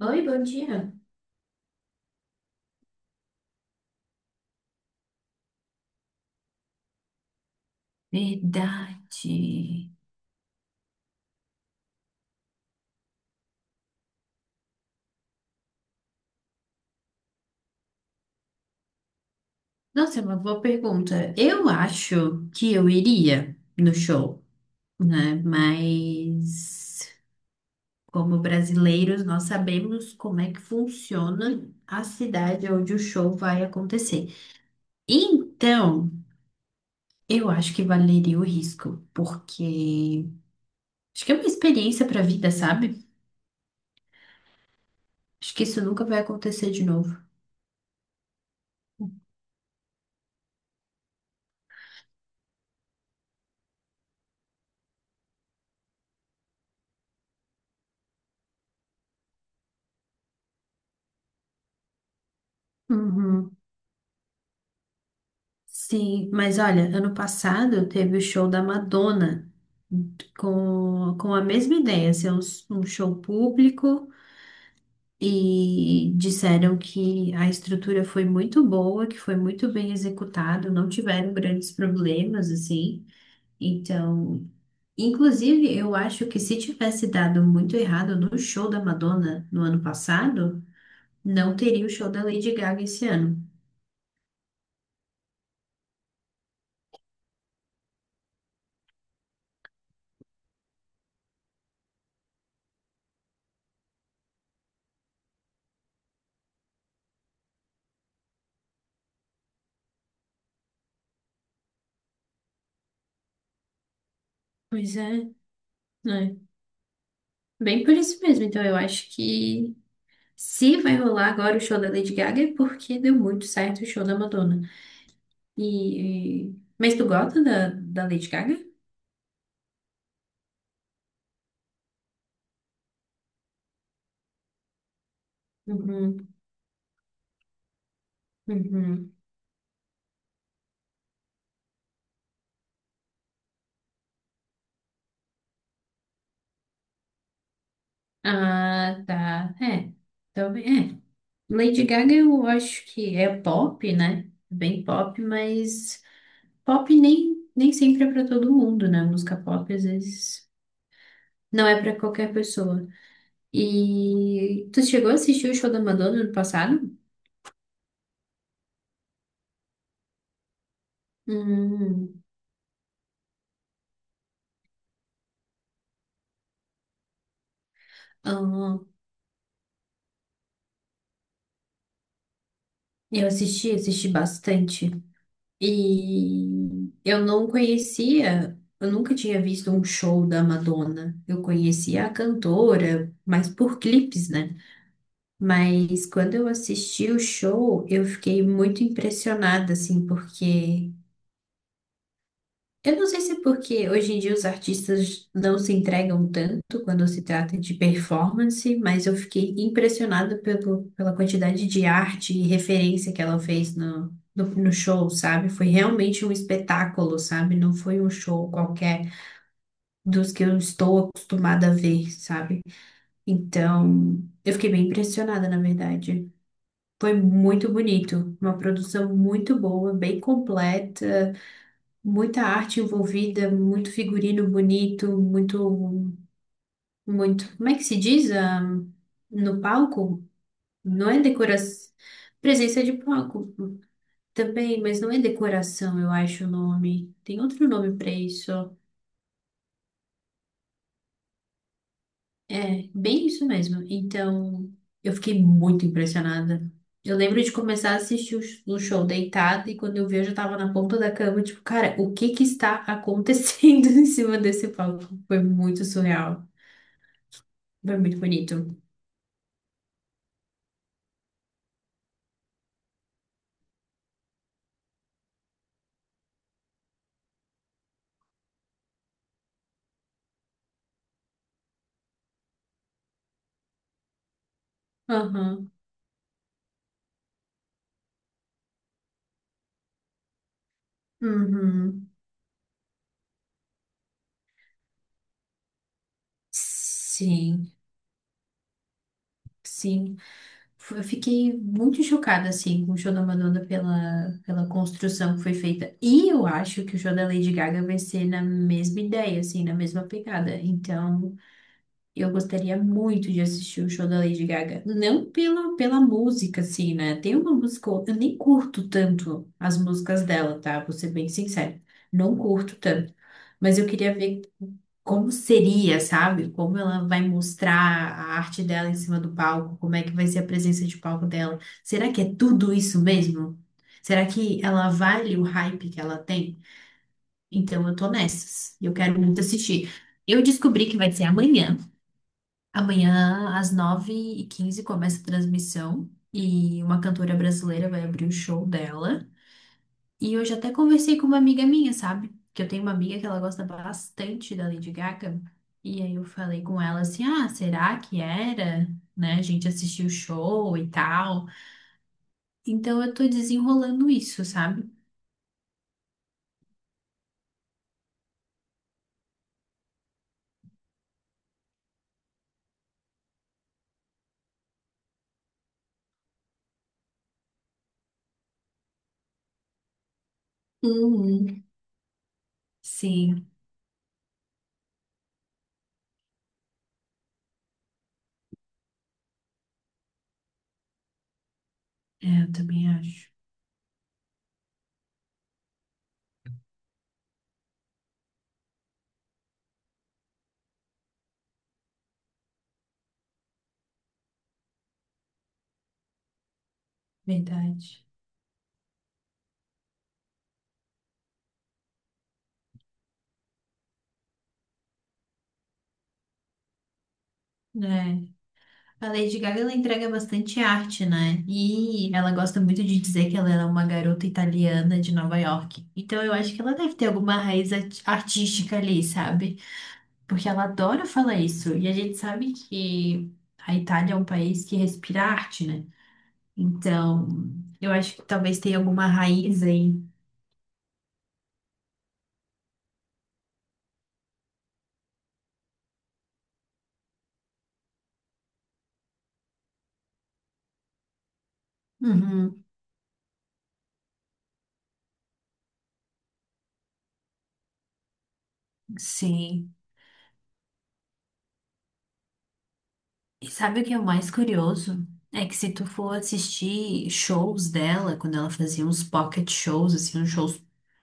Oi, bom dia. Verdade. Nossa, é uma boa pergunta. Eu acho que eu iria no show, né? Mas como brasileiros, nós sabemos como é que funciona a cidade onde o show vai acontecer. Então, eu acho que valeria o risco, porque acho que é uma experiência para a vida, sabe? Acho que isso nunca vai acontecer de novo. Uhum. Sim, mas olha, ano passado teve o show da Madonna com a mesma ideia, ser um show público e disseram que a estrutura foi muito boa, que foi muito bem executado, não tiveram grandes problemas assim. Então, inclusive, eu acho que se tivesse dado muito errado no show da Madonna no ano passado, não teria o show da Lady Gaga esse ano. Pois é, né? Bem por isso mesmo. Então, eu acho que se vai rolar agora o show da Lady Gaga é porque deu muito certo o show da Madonna. Mas tu gosta da Lady Gaga? Uhum, uhum. Ah, tá. É. Talvez. É. Lady Gaga eu acho que é pop, né? Bem pop, mas pop nem sempre é pra todo mundo, né? Música pop às vezes não é pra qualquer pessoa. E tu chegou a assistir o show da Madonna no passado? Hum. Ah. Eu assisti, assisti bastante. E eu não conhecia, eu nunca tinha visto um show da Madonna. Eu conhecia a cantora, mas por clipes, né? Mas quando eu assisti o show, eu fiquei muito impressionada, assim, porque eu não sei se é porque hoje em dia os artistas não se entregam tanto quando se trata de performance, mas eu fiquei impressionada pelo, pela, quantidade de arte e referência que ela fez no show, sabe? Foi realmente um espetáculo, sabe? Não foi um show qualquer dos que eu estou acostumada a ver, sabe? Então, eu fiquei bem impressionada, na verdade. Foi muito bonito, uma produção muito boa, bem completa. Muita arte envolvida, muito figurino bonito, muito, muito. Como é que se diz? Ah, no palco? Não é decoração. Presença de palco também, mas não é decoração, eu acho o nome. Tem outro nome para isso. É, bem isso mesmo. Então, eu fiquei muito impressionada. Eu lembro de começar a assistir o o show deitada e quando eu vi, eu já tava na ponta da cama, tipo, cara, o que que está acontecendo em cima desse palco? Foi muito surreal. Foi muito bonito. Aham. Uhum. Sim, sim. F- Eu fiquei muito chocada, assim, com o show da Madonna pela, construção que foi feita. E eu acho que o show da Lady Gaga vai ser na mesma ideia, assim, na mesma pegada. Então. Eu gostaria muito de assistir o show da Lady Gaga. Não pela música, assim, né? Tem uma música, ou outra- eu nem curto tanto as músicas dela, tá? Vou ser bem sincera. Não curto tanto. Mas eu queria ver como seria, sabe? Como ela vai mostrar a arte dela em cima do palco, como é que vai ser a presença de palco dela. Será que é tudo isso mesmo? Será que ela vale o hype que ela tem? Então eu tô nessas. E eu quero muito assistir. Eu descobri que vai ser amanhã. Amanhã, às 9:15 começa a transmissão e uma cantora brasileira vai abrir o show dela. E eu já até conversei com uma amiga minha, sabe? Que eu tenho uma amiga que ela gosta bastante da Lady Gaga. E aí eu falei com ela assim: ah, será que era? Né? A gente assistiu o show e tal. Então eu tô desenrolando isso, sabe? Uhum. Sim, é, eu também acho. Verdade. É. A Lady Gaga, ela entrega bastante arte, né? E ela gosta muito de dizer que ela era uma garota italiana de Nova York. Então eu acho que ela deve ter alguma raiz artística ali, sabe? Porque ela adora falar isso. E a gente sabe que a Itália é um país que respira arte, né? Então eu acho que talvez tenha alguma raiz aí. Uhum, sim. E sabe o que é o mais curioso? É que se tu for assistir shows dela, quando ela fazia uns pocket shows, assim, uns shows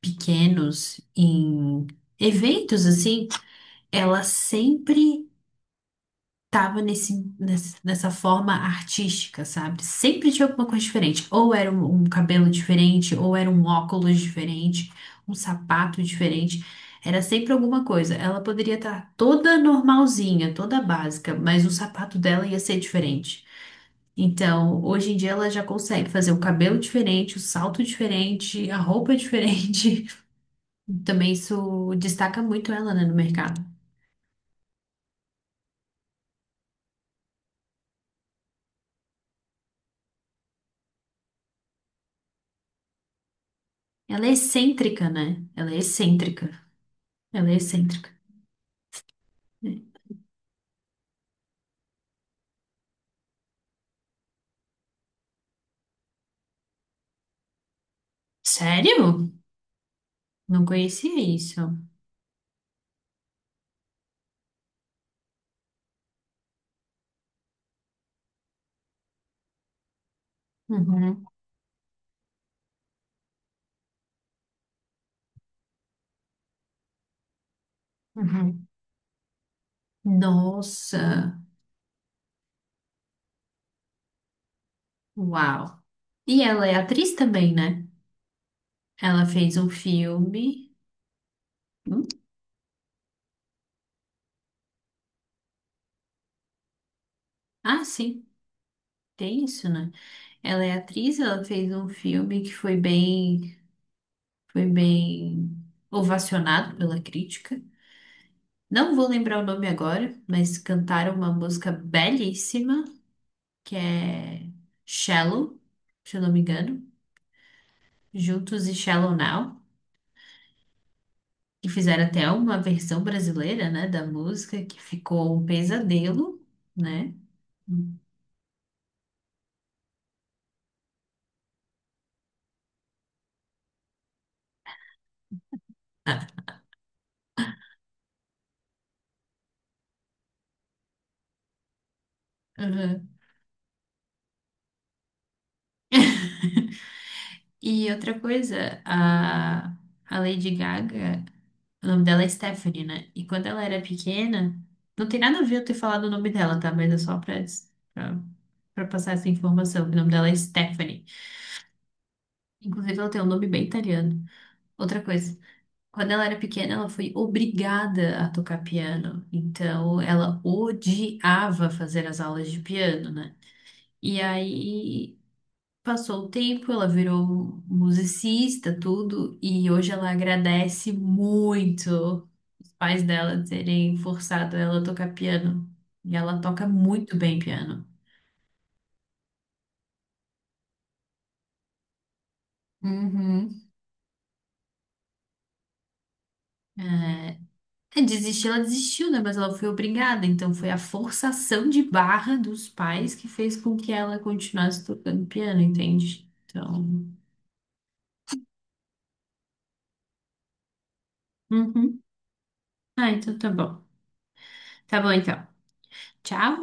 pequenos em eventos, assim, ela sempre tava nesse, nessa forma artística, sabe? Sempre tinha alguma coisa diferente. Ou era um cabelo diferente, ou era um óculos diferente, um sapato diferente. Era sempre alguma coisa. Ela poderia estar toda normalzinha, toda básica, mas o sapato dela ia ser diferente. Então, hoje em dia ela já consegue fazer o cabelo diferente, o salto diferente, a roupa é diferente. Também isso destaca muito ela, né, no mercado. Ela é excêntrica, né? Ela é excêntrica. Ela é excêntrica. Sério? Não conhecia isso. Uhum, uhum. Nossa, uau. E ela é atriz também, né? Ela fez um filme. Hum? Ah, sim, tem isso, né? Ela é atriz, ela fez um filme que foi bem. Foi bem ovacionado pela crítica. Não vou lembrar o nome agora, mas cantaram uma música belíssima, que é Shallow, se eu não me engano, Juntos e Shallow Now, que fizeram até uma versão brasileira, né, da música, que ficou um pesadelo, né? Uhum. E outra coisa, a Lady Gaga. O nome dela é Stephanie, né? E quando ela era pequena, não tem nada a ver eu ter falado o nome dela, tá? Mas é só pra, pra passar essa informação. O nome dela é Stephanie. Inclusive, ela tem um nome bem italiano. Outra coisa, quando ela era pequena, ela foi obrigada a tocar piano. Então, ela odiava fazer as aulas de piano, né? E aí. Passou o tempo, ela virou musicista, tudo, e hoje ela agradece muito os pais dela terem forçado ela a tocar piano. E ela toca muito bem piano. Uhum. É, desistir, ela desistiu, né? Mas ela foi obrigada, então foi a forçação de barra dos pais que fez com que ela continuasse tocando piano, entende? Então. Uhum. Ah, então tá bom. Tá bom, então. Tchau!